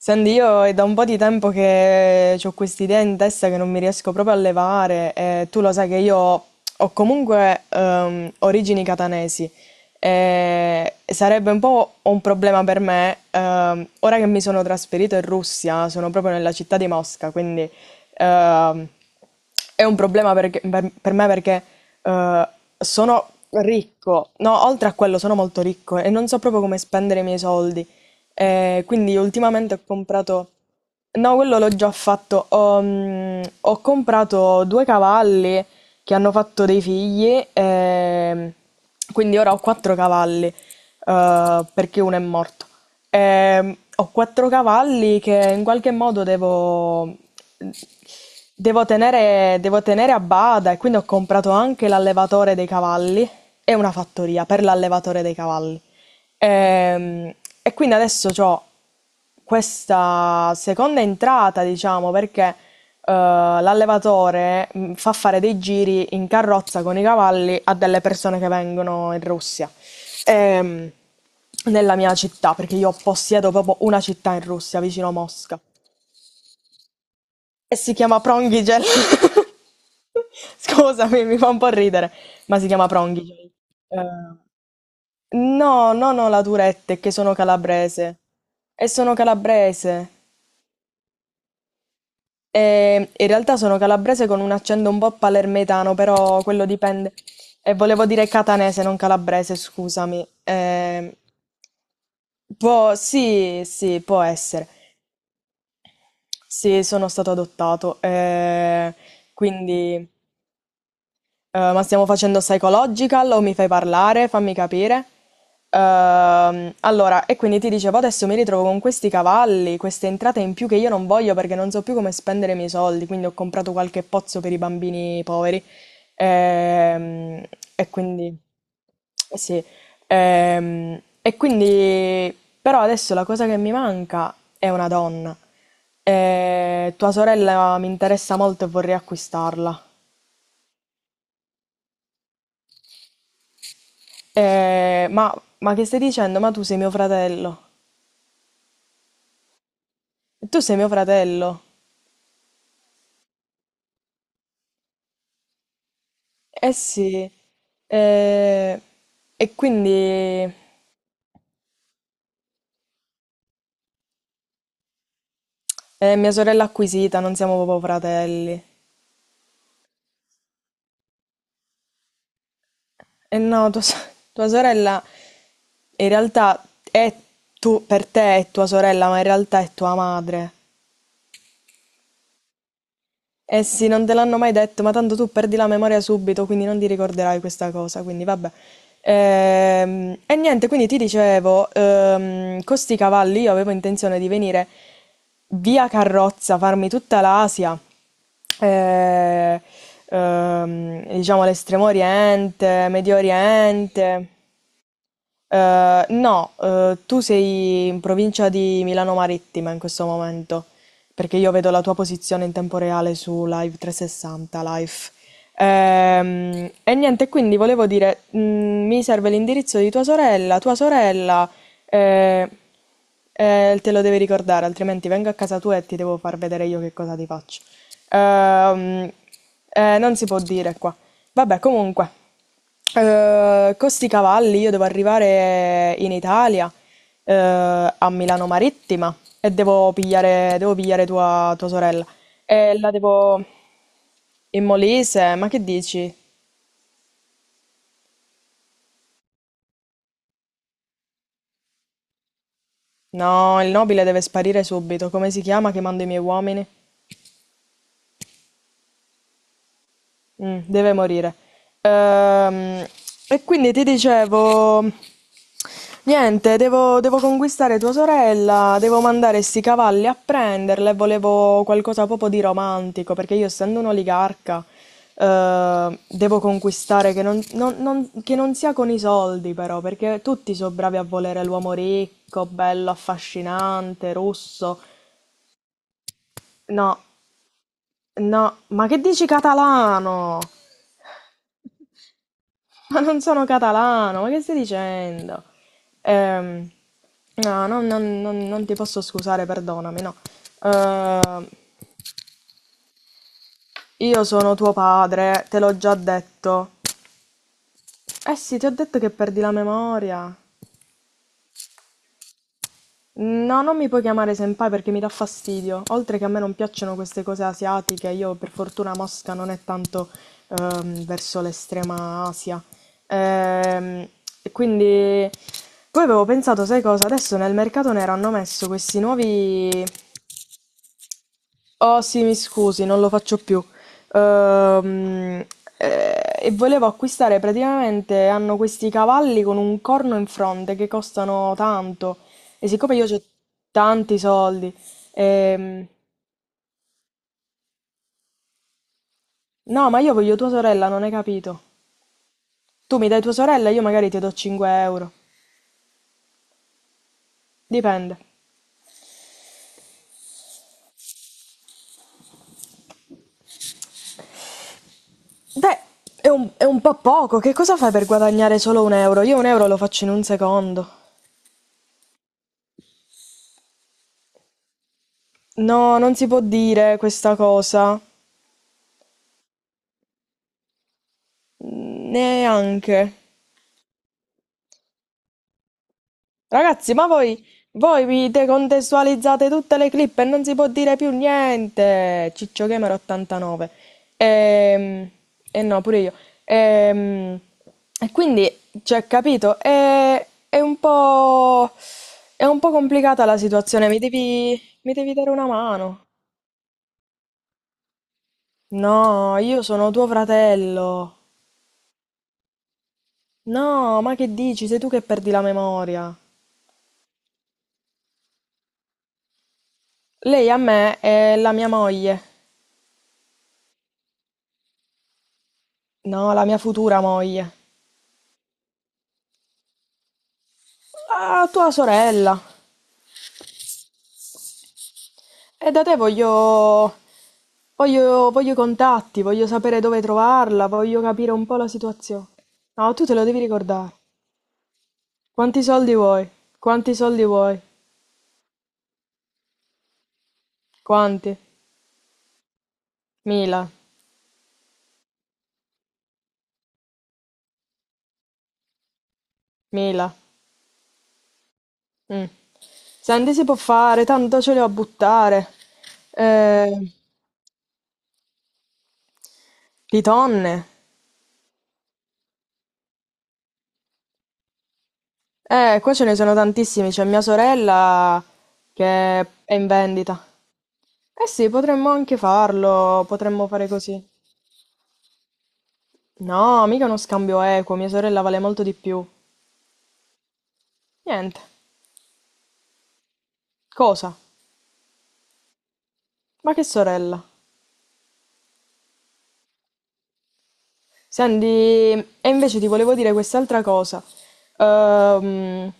Senti, io è da un po' di tempo che ho quest'idea in testa che non mi riesco proprio a levare e tu lo sai che io ho comunque origini catanesi e sarebbe un po' un problema per me ora che mi sono trasferito in Russia, sono proprio nella città di Mosca. Quindi ehm, è un problema per me perché eh, sono ricco, no, oltre a quello sono molto ricco e non so proprio come spendere i miei soldi. Quindi ultimamente ho comprato... No, quello l'ho già fatto. Ho comprato due cavalli che hanno fatto dei figli. Quindi ora ho quattro cavalli, perché uno è morto. Ho quattro cavalli che in qualche modo devo tenere a bada, e quindi ho comprato anche l'allevatore dei cavalli e una fattoria per l'allevatore dei cavalli. Ehm, e quindi adesso ho questa seconda entrata, diciamo, perché l'allevatore fa fare dei giri in carrozza con i cavalli a delle persone che vengono in Russia. Ehm, Nella mia città, perché io possiedo proprio una città in Russia, vicino a Mosca, e si chiama Prongigel. Scusami, mi fa un po' ridere, ma si chiama Prongigel. Eh, No, non ho la Tourette, è che sono calabrese. E sono calabrese. E in realtà sono calabrese con un accento un po' palermitano, però quello dipende. E volevo dire catanese, non calabrese, scusami. Può, sì, sì, può essere. Sì, sono stato adottato. Quindi ma stiamo facendo psychological o mi fai parlare? Fammi capire. Allora, e quindi ti dicevo, adesso mi ritrovo con questi cavalli, queste entrate in più che io non voglio perché non so più come spendere i miei soldi, quindi ho comprato qualche pozzo per i bambini poveri. Ehm, e quindi... Sì, e quindi però adesso la cosa che mi manca è una donna. E tua sorella mi interessa molto e vorrei acquistarla. Eh, ma, ma che stai dicendo? Ma tu sei mio fratello. Tu sei mio fratello. Eh sì. Eh, e quindi è mia sorella acquisita, non siamo proprio fratelli. E no, tua sorella in realtà è per te è tua sorella, ma in realtà è tua madre. Eh sì, non te l'hanno mai detto, ma tanto tu perdi la memoria subito, quindi non ti ricorderai questa cosa, quindi vabbè. E niente, quindi ti dicevo, con sti cavalli io avevo intenzione di venire via carrozza, farmi tutta l'Asia, eh, diciamo l'Estremo Oriente, Medio Oriente. No, tu sei in provincia di Milano Marittima in questo momento, perché io vedo la tua posizione in tempo reale su Live 360 Life. E niente, quindi volevo dire, mi serve l'indirizzo di tua sorella. eh, Te lo devi ricordare, altrimenti vengo a casa tua e ti devo far vedere io che cosa ti faccio. Ehm, Non si può dire qua. Vabbè, comunque. Costi cavalli, io devo arrivare in Italia, eh, a Milano Marittima, e devo pigliare tua sorella. E la devo... In Molise, ma che dici? No, il nobile deve sparire subito. Come si chiama che mando i miei uomini? Deve morire. Ehm, e quindi ti dicevo, niente, devo conquistare tua sorella, devo mandare sti cavalli a prenderla, e volevo qualcosa proprio di romantico, perché io, essendo un oligarca, devo conquistare che non sia con i soldi, però, perché tutti sono bravi a volere l'uomo ricco, bello, affascinante, russo. No, no, ma che dici catalano? Ma non sono catalano, ma che stai dicendo? Ehm, no, non ti posso scusare, perdonami, no. Ehm, io sono tuo padre, te l'ho già detto. Eh sì, ti ho detto che perdi la memoria. No, non mi puoi chiamare senpai perché mi dà fastidio. Oltre che a me non piacciono queste cose asiatiche, io per fortuna Mosca non è tanto verso l'estrema Asia. Ehm, e quindi poi avevo pensato, sai cosa? Adesso nel mercato nero hanno messo questi nuovi. Oh sì, mi scusi, non lo faccio più. Ehm, e volevo acquistare praticamente, hanno questi cavalli con un corno in fronte che costano tanto. E siccome io ho tanti soldi, ehm, no, ma io voglio tua sorella, non hai capito. Tu mi dai tua sorella, io magari ti do 5 euro. Dipende. Beh, è un, po' poco. Che cosa fai per guadagnare solo un euro? Io un euro lo faccio in un secondo. No, non si può dire questa cosa. Neanche. Ragazzi, ma voi vi decontestualizzate tutte le clip e non si può dire più niente. Ciccio Gamer 89. Ehm, E, no, pure io. Ehm, E, quindi, cioè, capito, è, è un po' complicata la situazione. Mi devi dare una mano. No, io sono tuo fratello. No, ma che dici? Sei tu che perdi la memoria. Lei a me è la mia moglie. No, la mia futura moglie. Ah, tua sorella. E da te voglio... Voglio i contatti, voglio sapere dove trovarla, voglio capire un po' la situazione. No, tu te lo devi ricordare. Quanti soldi vuoi? Quanti soldi vuoi? Quanti? Mila, mila. Mm. Senti, si può fare, tanto ce li ho a buttare. Eh, di tonne. Qua ce ne sono tantissimi. C'è mia sorella che è in vendita. Eh sì, potremmo anche farlo, potremmo fare così. No, mica uno scambio equo, mia sorella vale molto di più. Niente. Cosa? Ma che sorella? Senti, e invece ti volevo dire quest'altra cosa. Ehm,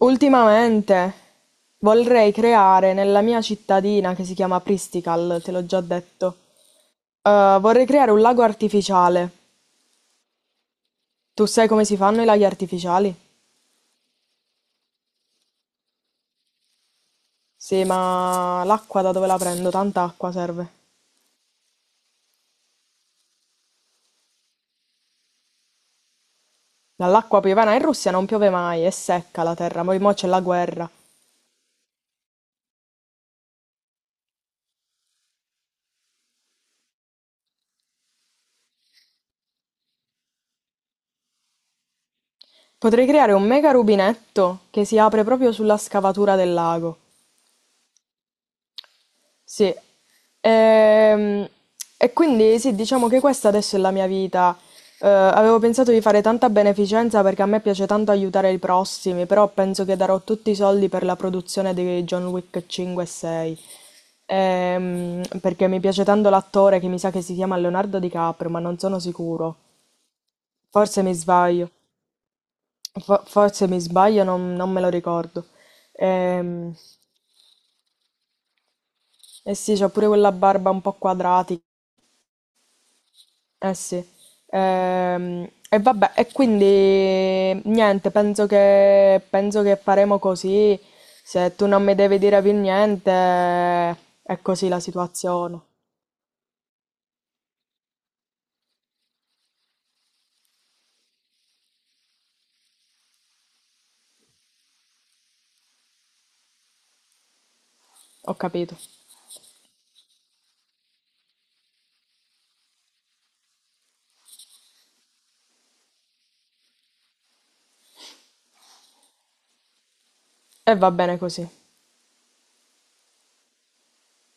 Ultimamente vorrei creare nella mia cittadina, che si chiama Pristical, te l'ho già detto. Vorrei creare un lago artificiale. Tu sai come si fanno i laghi artificiali? Sì, ma l'acqua da dove la prendo? Tanta acqua serve. Dall'acqua piovana? In Russia non piove mai, è secca la terra, poi mo c'è la guerra. Potrei creare un mega rubinetto che si apre proprio sulla scavatura del lago. Sì. Ehm, E quindi sì, diciamo che questa adesso è la mia vita. Avevo pensato di fare tanta beneficenza perché a me piace tanto aiutare i prossimi, però penso che darò tutti i soldi per la produzione di John Wick 5 e 6. Perché mi piace tanto l'attore, che mi sa che si chiama Leonardo DiCaprio, ma non sono sicuro. Forse mi sbaglio, forse mi sbaglio, non me lo ricordo. Ehm, eh sì, c'ha pure quella barba un po' quadratica. Eh sì. E vabbè, e quindi niente, penso che faremo così. Se tu non mi devi dire più niente, è così la situazione. Ho capito. E va bene così.